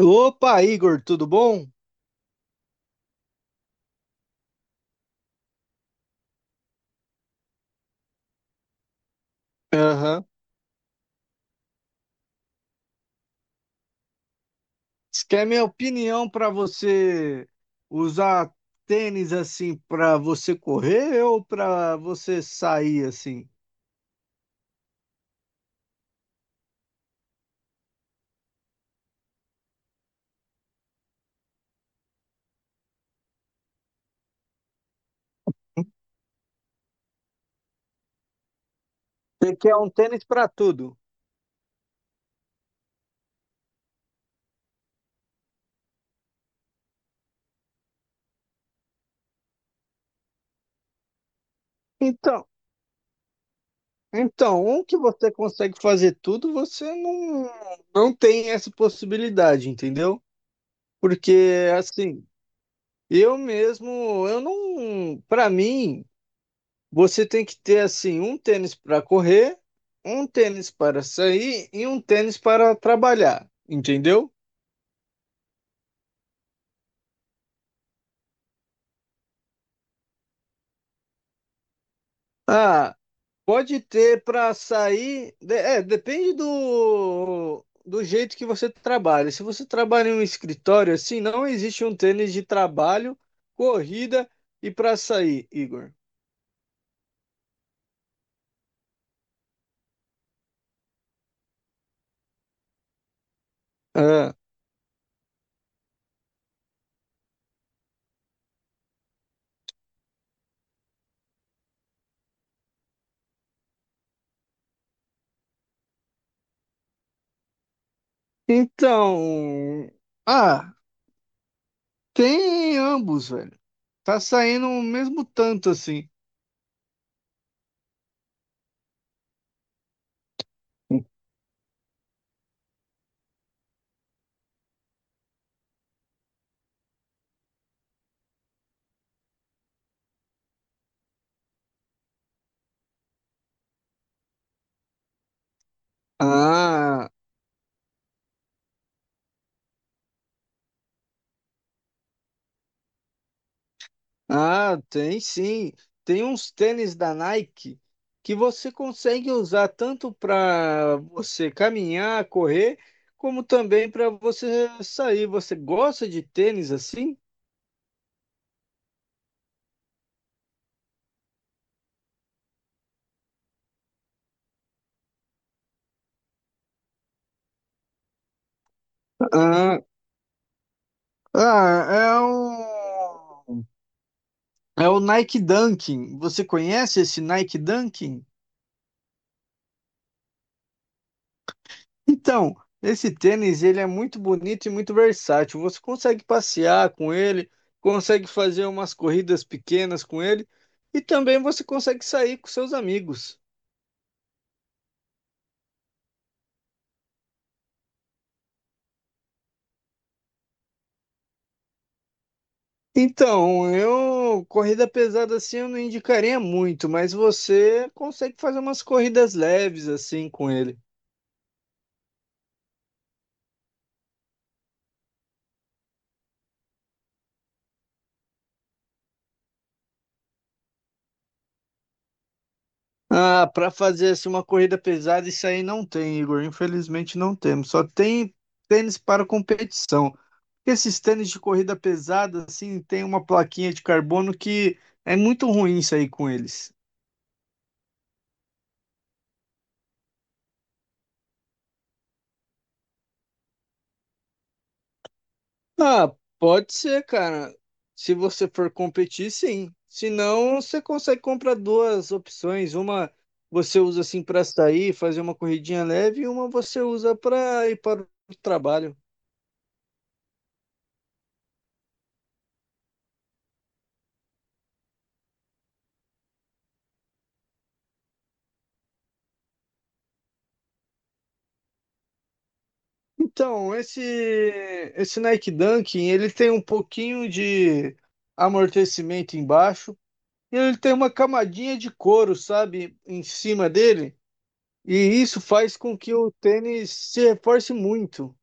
Opa, Igor, tudo bom? Aham. Isso que é minha opinião para você usar tênis assim para você correr ou para você sair assim? Você quer um tênis para tudo? Então, então, um que você consegue fazer tudo, você não tem essa possibilidade, entendeu? Porque assim, eu mesmo, eu não, para mim, você tem que ter assim um tênis para correr, um tênis para sair e um tênis para trabalhar, entendeu? Ah, pode ter para sair, é, depende do jeito que você trabalha. Se você trabalha em um escritório assim, não existe um tênis de trabalho, corrida e para sair, Igor. Ah, então, ah, tem ambos, velho. Tá saindo o mesmo tanto assim. Ah, Ah, tem sim. Tem uns tênis da Nike que você consegue usar tanto para você caminhar, correr, como também para você sair. Você gosta de tênis assim? Ah, ah, é o Nike Dunking. Você conhece esse Nike Dunking? Então, esse tênis ele é muito bonito e muito versátil. Você consegue passear com ele, consegue fazer umas corridas pequenas com ele e também você consegue sair com seus amigos. Então, eu corrida pesada assim eu não indicaria muito, mas você consegue fazer umas corridas leves assim com ele. Ah, para fazer assim uma corrida pesada isso aí não tem, Igor. Infelizmente não temos. Só tem tênis para competição. Esses tênis de corrida pesada, assim, tem uma plaquinha de carbono que é muito ruim sair com eles. Ah, pode ser, cara. Se você for competir, sim. Se não, você consegue comprar duas opções. Uma você usa assim para sair, fazer uma corridinha leve, e uma você usa para ir para o trabalho. Então, esse Nike Dunk, ele tem um pouquinho de amortecimento embaixo, e ele tem uma camadinha de couro, sabe, em cima dele, e isso faz com que o tênis se reforce muito.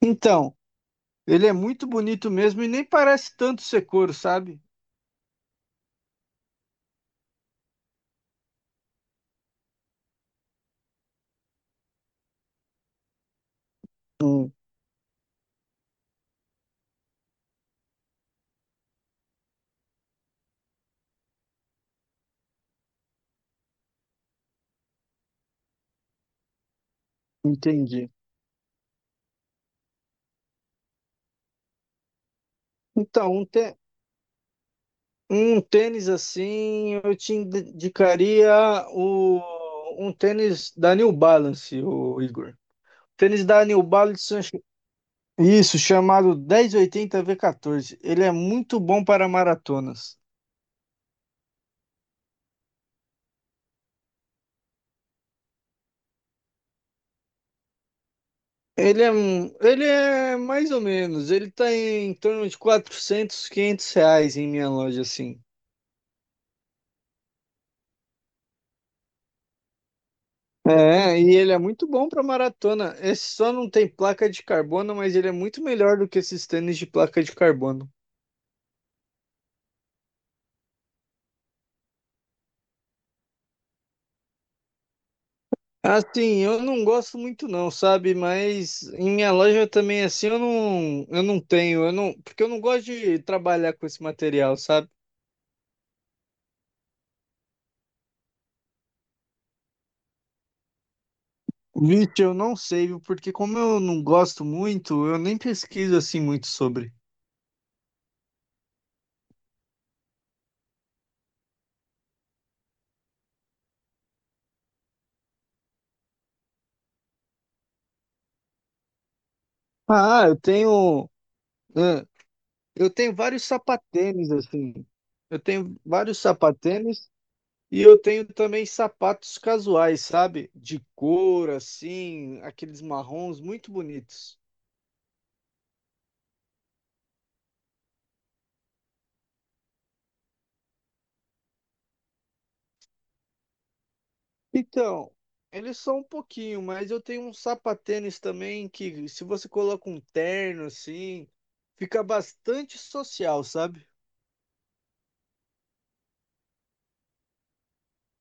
Então, ele é muito bonito mesmo e nem parece tanto ser couro, sabe? Hum, Entendi. Então, um tênis assim, eu te indicaria um tênis da New Balance, o Igor. Tênis da New Balance, isso, chamado dez oitenta v 14. Ele é muito bom para maratonas. Ele é mais ou menos, ele tá em torno de 400, 500 reais em minha loja, assim. É, e ele é muito bom para maratona. Esse só não tem placa de carbono, mas ele é muito melhor do que esses tênis de placa de carbono. Assim, eu não gosto muito não, sabe? Mas em minha loja também, assim, eu não tenho, eu não, porque eu não gosto de trabalhar com esse material, sabe? Vixe, eu não sei, viu? Porque como eu não gosto muito, eu nem pesquiso assim muito sobre. Ah, ah, eu tenho vários sapatênis assim. Eu tenho vários sapatênis e eu tenho também sapatos casuais, sabe? De couro assim, aqueles marrons muito bonitos. Então, eles são um pouquinho, mas eu tenho um sapatênis também que se você coloca um terno assim, fica bastante social, sabe?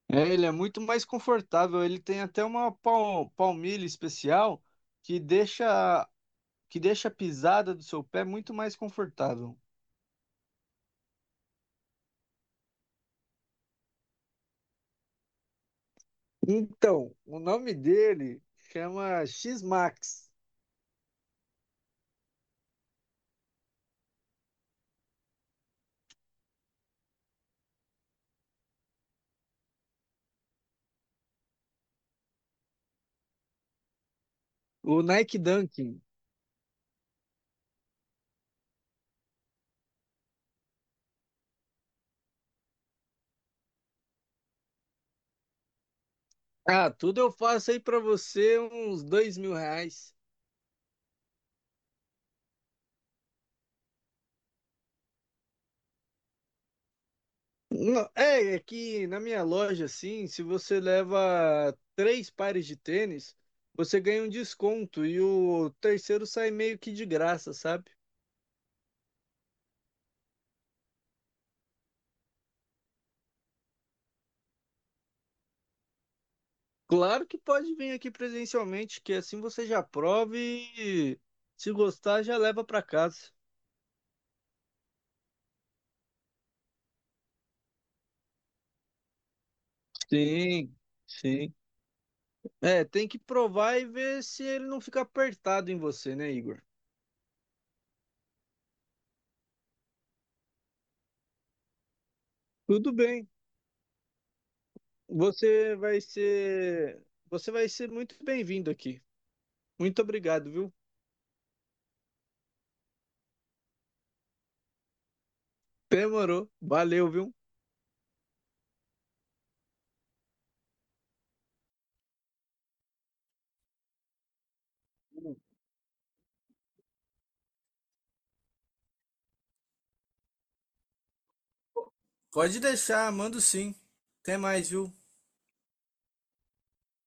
É, ele é muito mais confortável. Ele tem até uma palmilha especial que deixa que deixa a pisada do seu pé muito mais confortável. Então, o nome dele chama X-Max, o Nike Dunkin. Ah, tudo eu faço aí pra você uns R$ 2.000. Não, é que na minha loja, assim, se você leva três pares de tênis, você ganha um desconto e o terceiro sai meio que de graça, sabe? Claro que pode vir aqui presencialmente, que assim você já prova e se gostar já leva pra casa. Sim, sim. É, tem que provar e ver se ele não fica apertado em você, né, Igor? Tudo bem. Você vai ser, você vai ser muito bem-vindo aqui. Muito obrigado, viu? Demorou. Valeu, viu? Pode deixar, mando sim. Até mais, viu?